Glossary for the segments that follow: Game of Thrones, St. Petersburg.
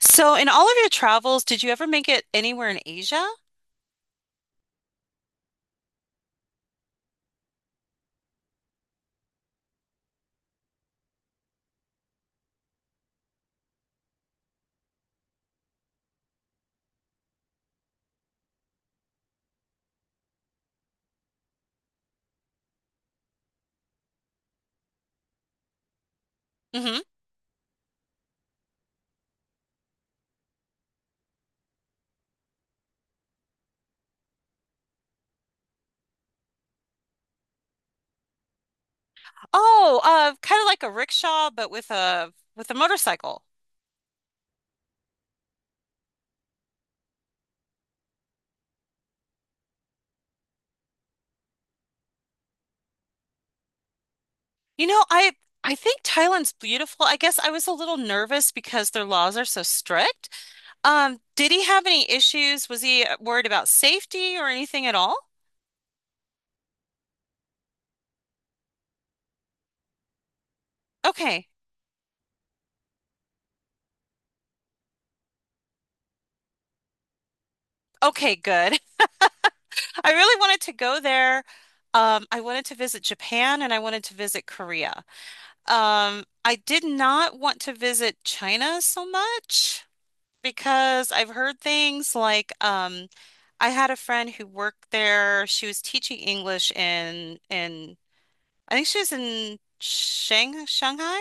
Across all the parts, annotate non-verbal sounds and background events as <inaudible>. So, in all of your travels, did you ever make it anywhere in Asia? Hmm Oh, kind of like a rickshaw, but with a motorcycle. I I think Thailand's beautiful. I guess I was a little nervous because their laws are so strict. Did he have any issues? Was he worried about safety or anything at all? Okay. Okay, good. <laughs> I really wanted to go there. I wanted to visit Japan and I wanted to visit Korea. I did not want to visit China so much because I've heard things like I had a friend who worked there. She was teaching English in I think she was in Shanghai,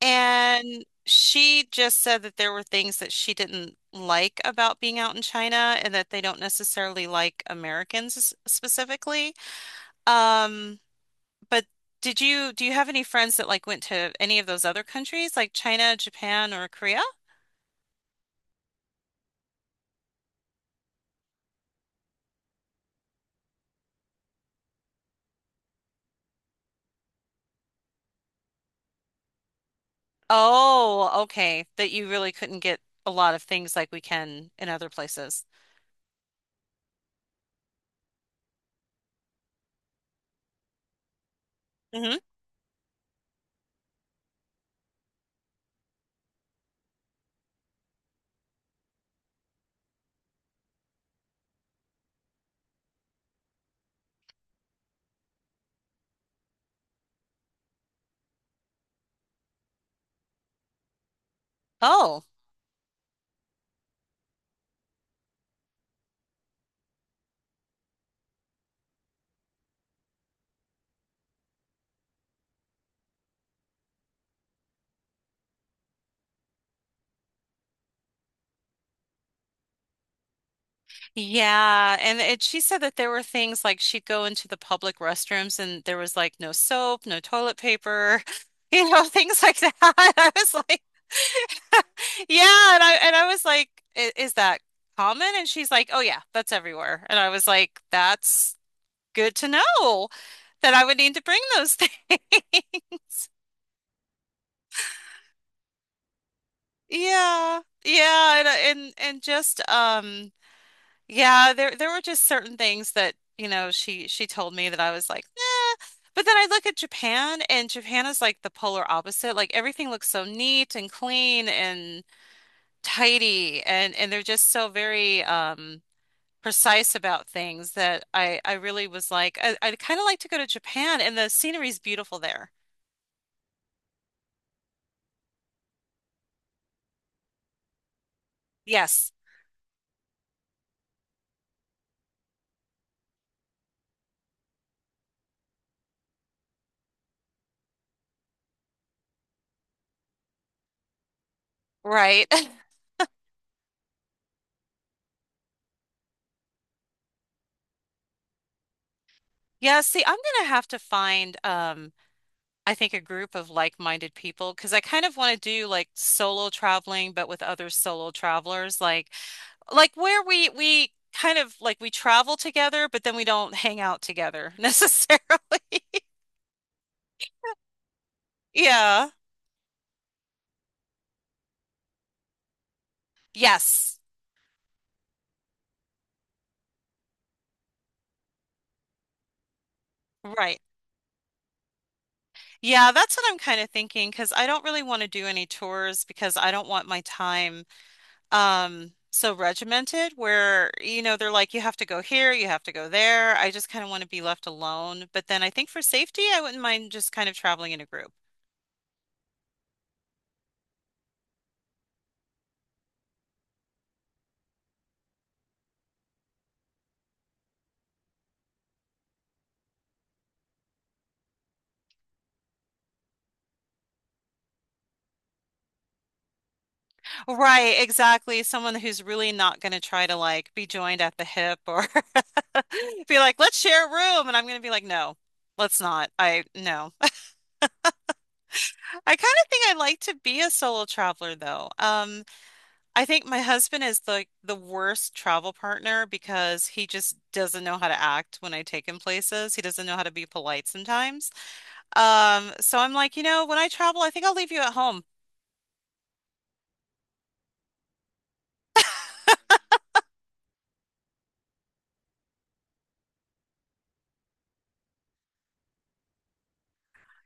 and she just said that there were things that she didn't like about being out in China and that they don't necessarily like Americans specifically. Um but did you do you have any friends that like went to any of those other countries like China, Japan, or Korea? Oh, okay. That you really couldn't get a lot of things like we can in other places. Hmm Oh, yeah. And she said that there were things like she'd go into the public restrooms and there was like no soap, no toilet paper, <laughs> you know, things like that. <laughs> I was like, <laughs> yeah. And I was like, "I- is that common?" And she's like, oh, yeah, that's everywhere. And I was like, that's good to know that I would need to bring those <laughs> things. Yeah, yeah, and just yeah, there were just certain things that you know she told me that I was like, nah. But then I look at Japan, and Japan is like the polar opposite. Like everything looks so neat and clean and tidy, and they're just so very precise about things that I really was like, I'd kind of like to go to Japan, and the scenery's beautiful there. Yes. Right. <laughs> Yeah, see, I'm gonna have to find I think a group of like-minded people because I kind of want to do like solo traveling but with other solo travelers like like where we kind of like we travel together but then we don't hang out together <laughs> necessarily. Yeah. Yes. Right. Yeah, that's what I'm kind of thinking because I don't really want to do any tours because I don't want my time so regimented where you know they're like you have to go here, you have to go there. I just kind of want to be left alone, but then I think for safety I wouldn't mind just kind of traveling in a group. Right, exactly. Someone who's really not going to try to like be joined at the hip, or <laughs> be like, let's share a room. And I'm going to be like, no, let's not. No. <laughs> I kind of think I like to be a solo traveler though. I think my husband is like the worst travel partner because he just doesn't know how to act when I take him places. He doesn't know how to be polite sometimes. So I'm like, you know, when I travel, I think I'll leave you at home.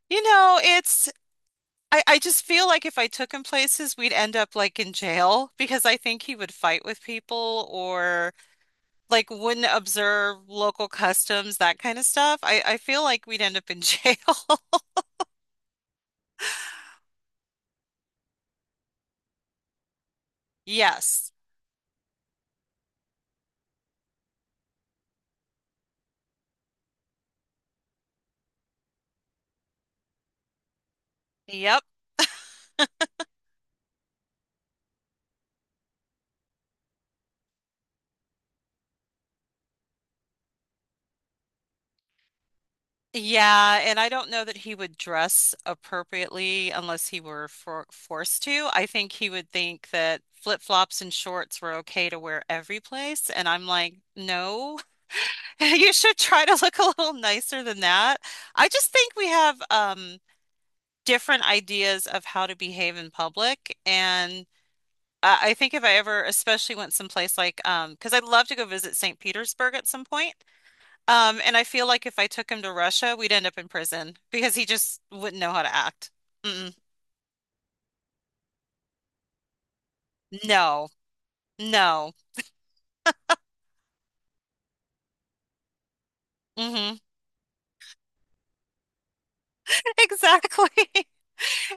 You know, it's I just feel like if I took him places, we'd end up like in jail because I think he would fight with people or like wouldn't observe local customs, that kind of stuff. I feel like we'd end up in jail. <laughs> Yes. Yep. Yeah, and I don't know that he would dress appropriately unless he were forced to. I think he would think that flip-flops and shorts were okay to wear every place, and I'm like, no. <laughs> You should try to look a little nicer than that. I just think we have different ideas of how to behave in public. And I think if I ever especially went someplace like, because I'd love to go visit St. Petersburg at some point. And I feel like if I took him to Russia, we'd end up in prison <laughs> because he just wouldn't know how to act. Mm-mm. No, no. hmm <laughs> Exactly. <laughs>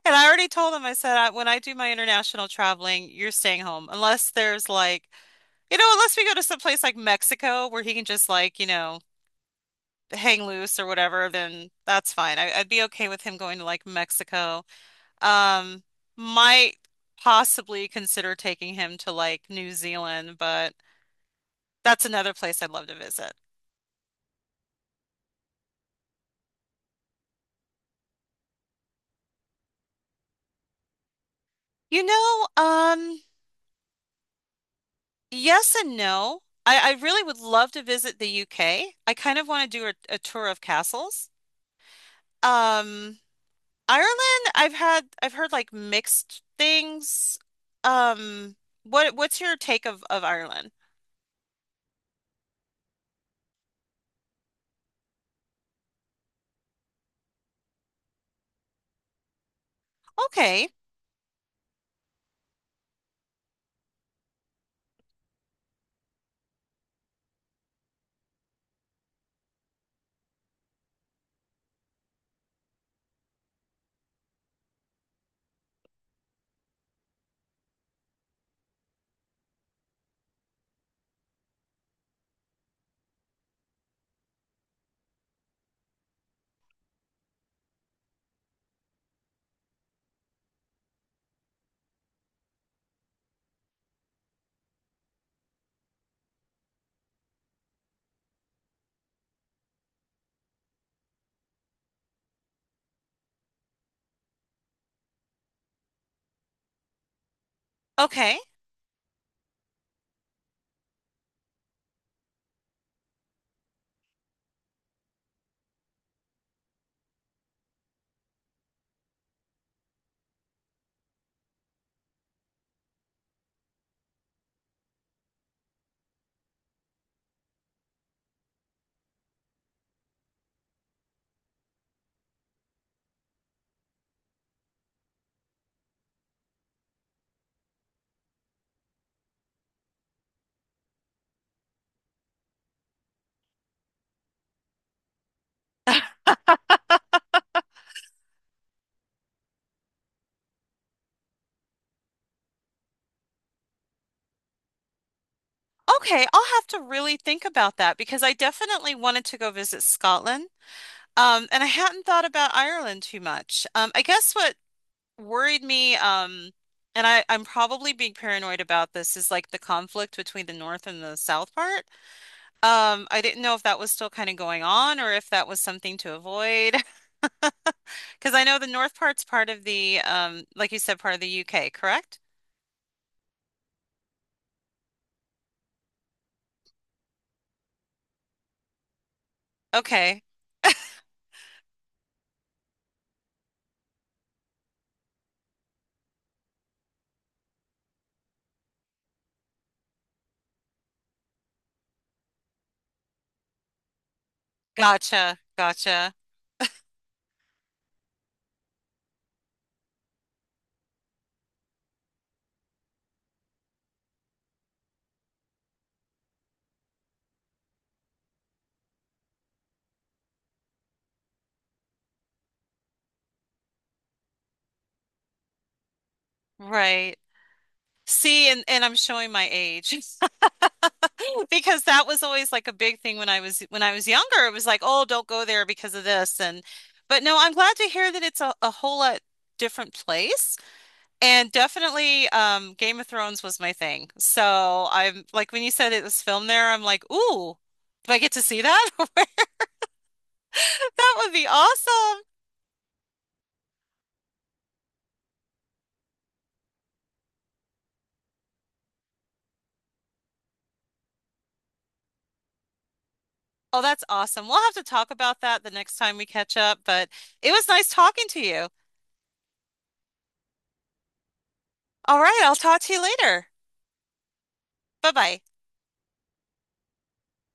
And I already told him, I said, when I do my international traveling, you're staying home unless there's like, you know, unless we go to some place like Mexico where he can just like, you know, hang loose or whatever, then that's fine. I'd be okay with him going to like Mexico. Um, might possibly consider taking him to like New Zealand, but that's another place I'd love to visit. You know, yes and no. I really would love to visit the UK. I kind of want to do a tour of castles. Um, Ireland, I've heard like mixed things. Um, what what's your take of Ireland? Okay. Okay. Okay, I'll have to really think about that because I definitely wanted to go visit Scotland. And I hadn't thought about Ireland too much. I guess what worried me, and I'm probably being paranoid about this, is like the conflict between the north and the south part. I didn't know if that was still kind of going on or if that was something to avoid. <laughs> Because I know the north part's part of the, like you said, part of the UK, correct? Okay. Gotcha. Gotcha. Right. See, and I'm showing my age <laughs> because that was always like a big thing when I was younger. It was like, oh, don't go there because of this. And, but no, I'm glad to hear that it's a whole lot different place. And definitely, Game of Thrones was my thing. So I'm like when you said it was filmed there, I'm like, ooh, do I get to see that? <laughs> That would be awesome. Oh, that's awesome. We'll have to talk about that the next time we catch up, but it was nice talking to you. All right, I'll talk to you later. Bye bye.